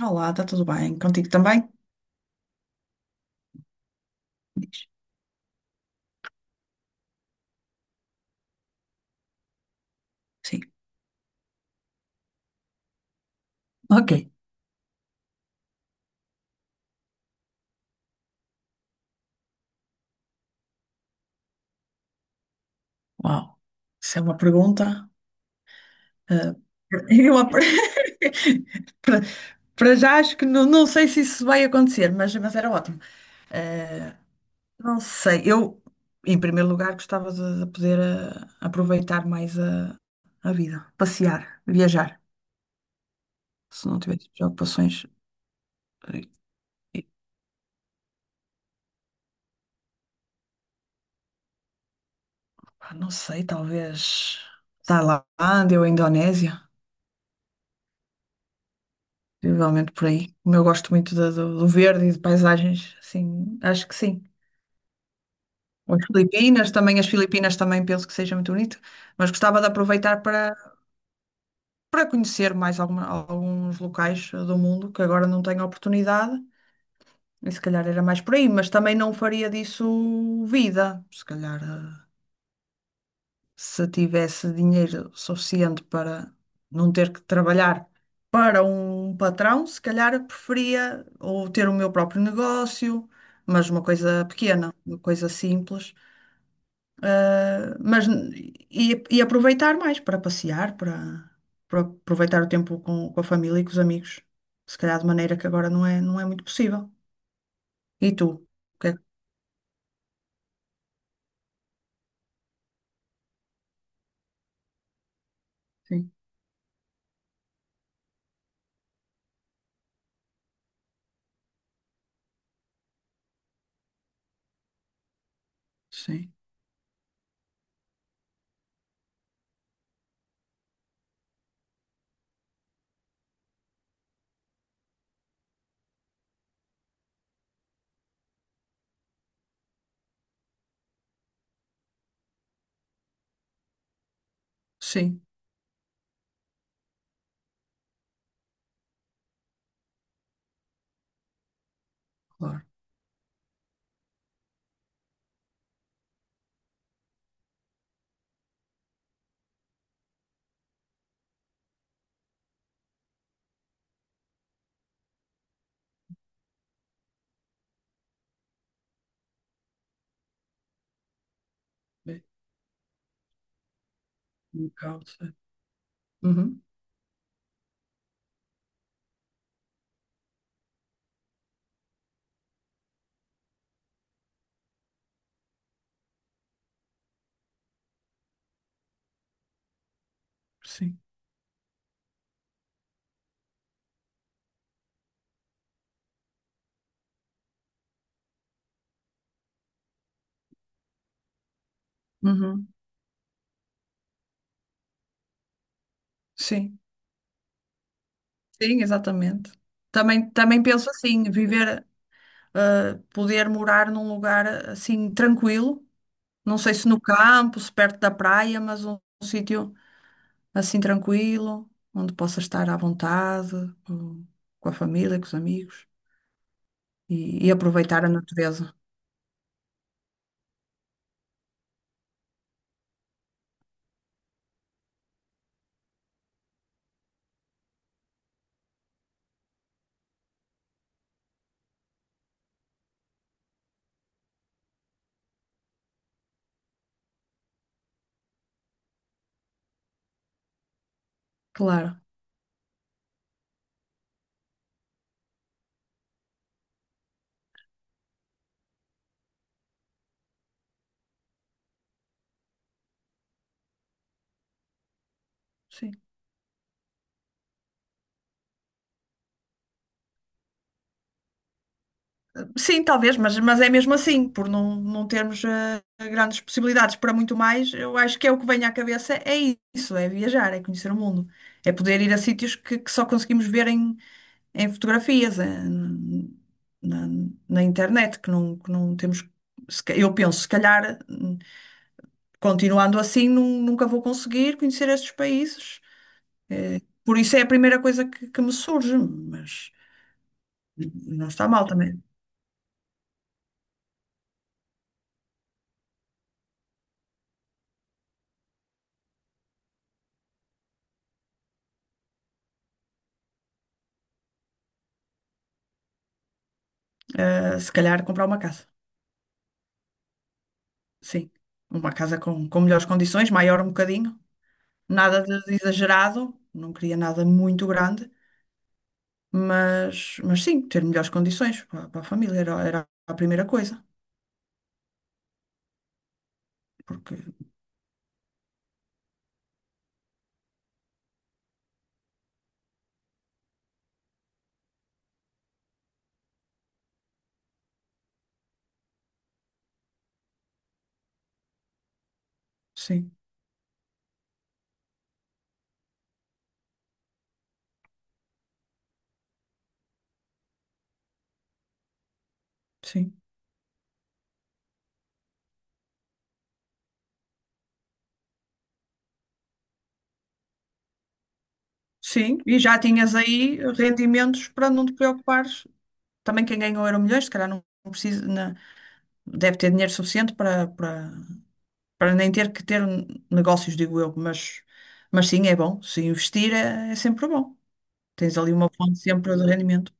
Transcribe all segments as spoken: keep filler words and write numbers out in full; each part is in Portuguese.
Olá, está tudo bem? Contigo também? Diz. Sim. Ok, uau. Isso é uma pergunta. ah, eu a- para, para já acho que não, não sei se isso vai acontecer, mas, mas era ótimo. Ah, não sei, eu, em primeiro lugar, gostava de, de poder ah, aproveitar mais a, a vida, passear, viajar, se não tivesse preocupações. eh, eh, pá, não sei, talvez Tailândia ou Indonésia. Provavelmente por aí. Como eu gosto muito do, do- do verde e de paisagens, assim, acho que sim. Ou as Filipinas também, as Filipinas também penso que seja muito bonito, mas gostava de aproveitar para, para conhecer mais alguma- alguns locais eh, do mundo que agora não tenho oportunidade, e se calhar era mais por aí, mas também não faria disso vida, se calhar. Eh, se tivesse dinheiro suficiente para não ter que trabalhar para um patrão, se calhar preferia ou ter o meu próprio negócio, mas uma coisa pequena, uma coisa simples, eh, mas n- e, e aproveitar mais para passear, para, para aproveitar o tempo com, com a família e com os amigos, se calhar de maneira que agora não é, não é muito possível. E tu? O que é que... Sim, sim, sim, claro. Bem, um bocado, sim. Uhum, sim. Uhum, sim. Sim, exatamente. Também, também penso assim, viver, eh, poder morar num lugar assim tranquilo. Não sei se no campo, se perto da praia, mas um, um sítio assim tranquilo, onde possa estar à vontade, com, com a família, com os amigos e, e aproveitar a natureza. Claro, sim. Sim, talvez, mas, mas é mesmo assim, por não, não termos eh, grandes possibilidades para muito mais, eu acho que é o que vem à cabeça, é isso, é viajar, é conhecer o mundo, é poder ir a sítios que, que só conseguimos ver em, em fotografias, eh, na, na internet, que não, que não temos, se ca- eu penso, se calhar, hum, continuando assim, nun- nunca vou conseguir conhecer estes países, por isso é a primeira coisa que, que me surge, mas não está mal também, eh, se calhar comprar uma casa. Sim, uma casa com, com melhores condições, maior um bocadinho, nada de de exagerado, não queria nada muito grande, mas, mas sim, ter melhores condições para, para a família era, era a primeira coisa, porque sim, sim, sim, e já tinhas aí rendimentos para não te preocupares. Também quem ganhou Euromilhões, se calhar não precisa, na- deve ter dinheiro suficiente para, para, para nem ter que ter negócios, digo eu, mas, mas sim, é bom, se investir é é sempre bom. Tens ali uma fonte sempre de rendimento.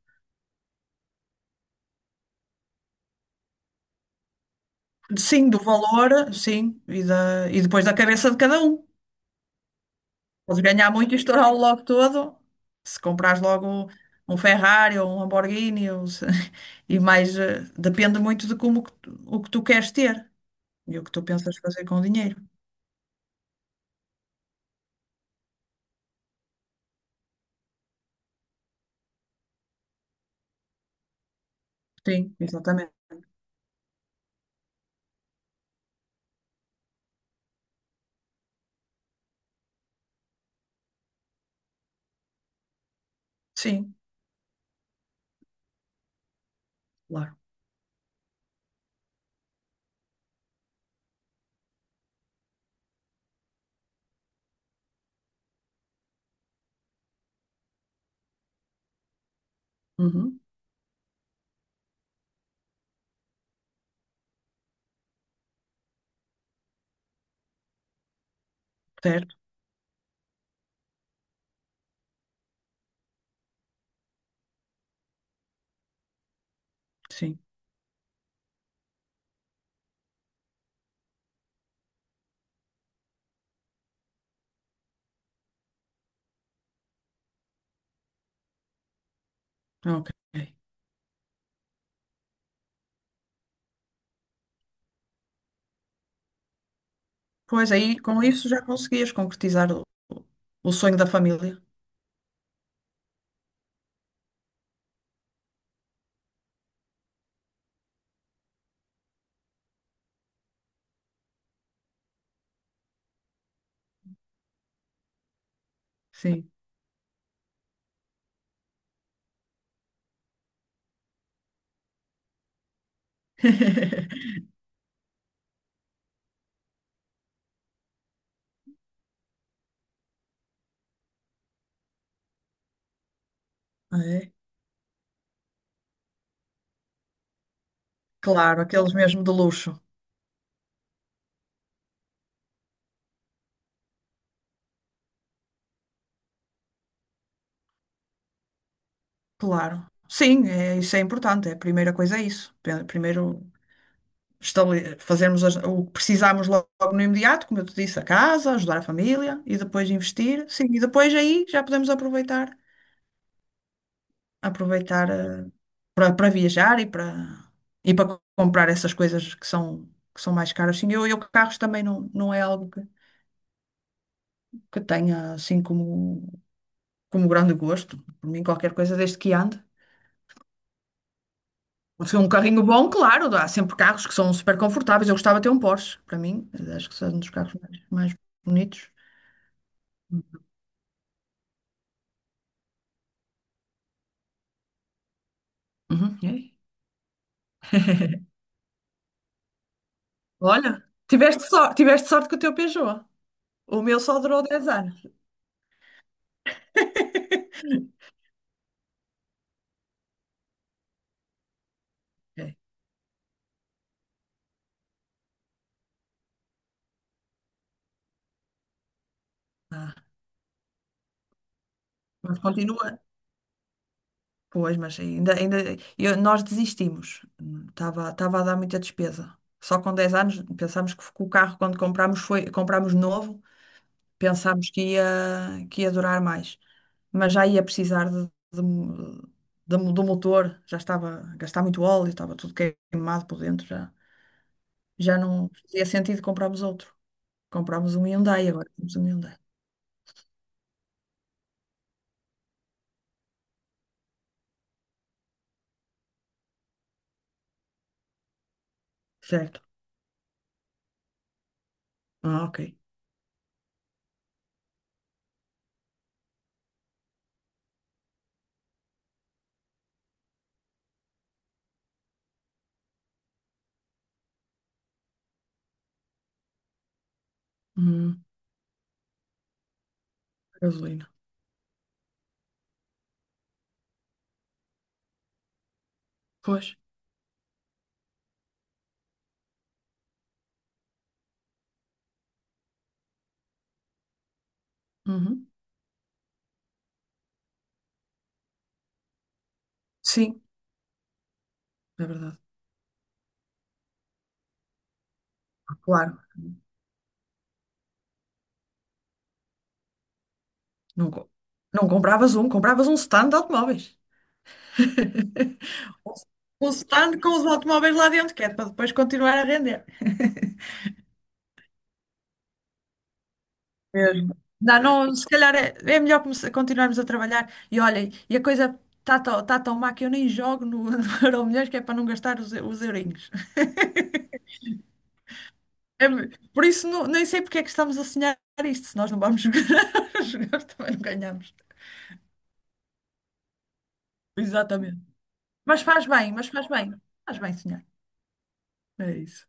Sim, do valor, sim, e, da, e depois da cabeça de cada um. Podes ganhar muito e estourá-lo logo todo. Se comprares logo um Ferrari ou um Lamborghini, ou se- e mais, eh, depende muito de como que tu- o que tu queres ter e o que tu pensas fazer com o dinheiro. Sim, exatamente. Sim, claro. Uhum, certo, sim. Ok. Pois aí, com isso já conseguias concretizar o, o sonho da família. Sim. É, claro, aqueles mesmo de luxo. Claro. Sim, é, isso é importante. É a primeira coisa é isso. Pe- Primeiro estabele- fazermos as- o que precisamos logo no imediato, como eu te disse, a casa, ajudar a família e depois investir. Sim, e depois aí já podemos aproveitar, aproveitar eh, para para viajar e para e para comprar essas coisas que são que são mais caras. Sim, eu, eu carros também não, não é algo que, que tenha assim como como grande gosto. Por mim qualquer coisa desde que ande. Foi um carrinho bom, claro, há sempre carros que são super confortáveis. Eu gostava de ter um Porsche, para mim, acho que são um dos carros mais, mais bonitos. Uhum, é. Olha, tiveste, sor- tiveste sorte com o teu Peugeot. O meu só durou dez anos. É. Ah, mas continua. Pois, mas ainda, ainda eu- nós desistimos. Estava, estava a dar muita despesa. Só com dez anos pensámos que o carro, quando comprámos, foi, comprámos novo. Pensámos que ia, que ia durar mais, mas já ia precisar de, de- de- do motor, já estava a gastar muito óleo, estava tudo queimado por dentro, já, já não fazia sentido comprarmos outro. Comprámos um Hyundai, agora temos um Hyundai. Certo. Ah, ok. Uhum. Gasolina. Pois. Uhum. Sim, é verdade. Claro. Não, co- não compravas um, compravas um stand de automóveis. Um stand com os automóveis lá dentro, que é para depois continuar a render. Mesmo. Não, não, Se calhar é, é melhor começar- continuarmos a trabalhar. E olhem, e a coisa está tão, tá tão má que eu nem jogo no, no Euromilhões, que é para não gastar os, eu- os eurinhos. É me- por isso, não, nem sei porque é que estamos a sonhar isto, se nós não vamos jogar, jogar também não ganhamos. Exatamente. Mas faz bem, mas faz bem. Faz bem sonhar. É isso.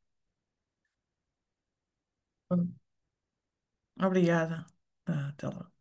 Obrigada. Ah, até logo.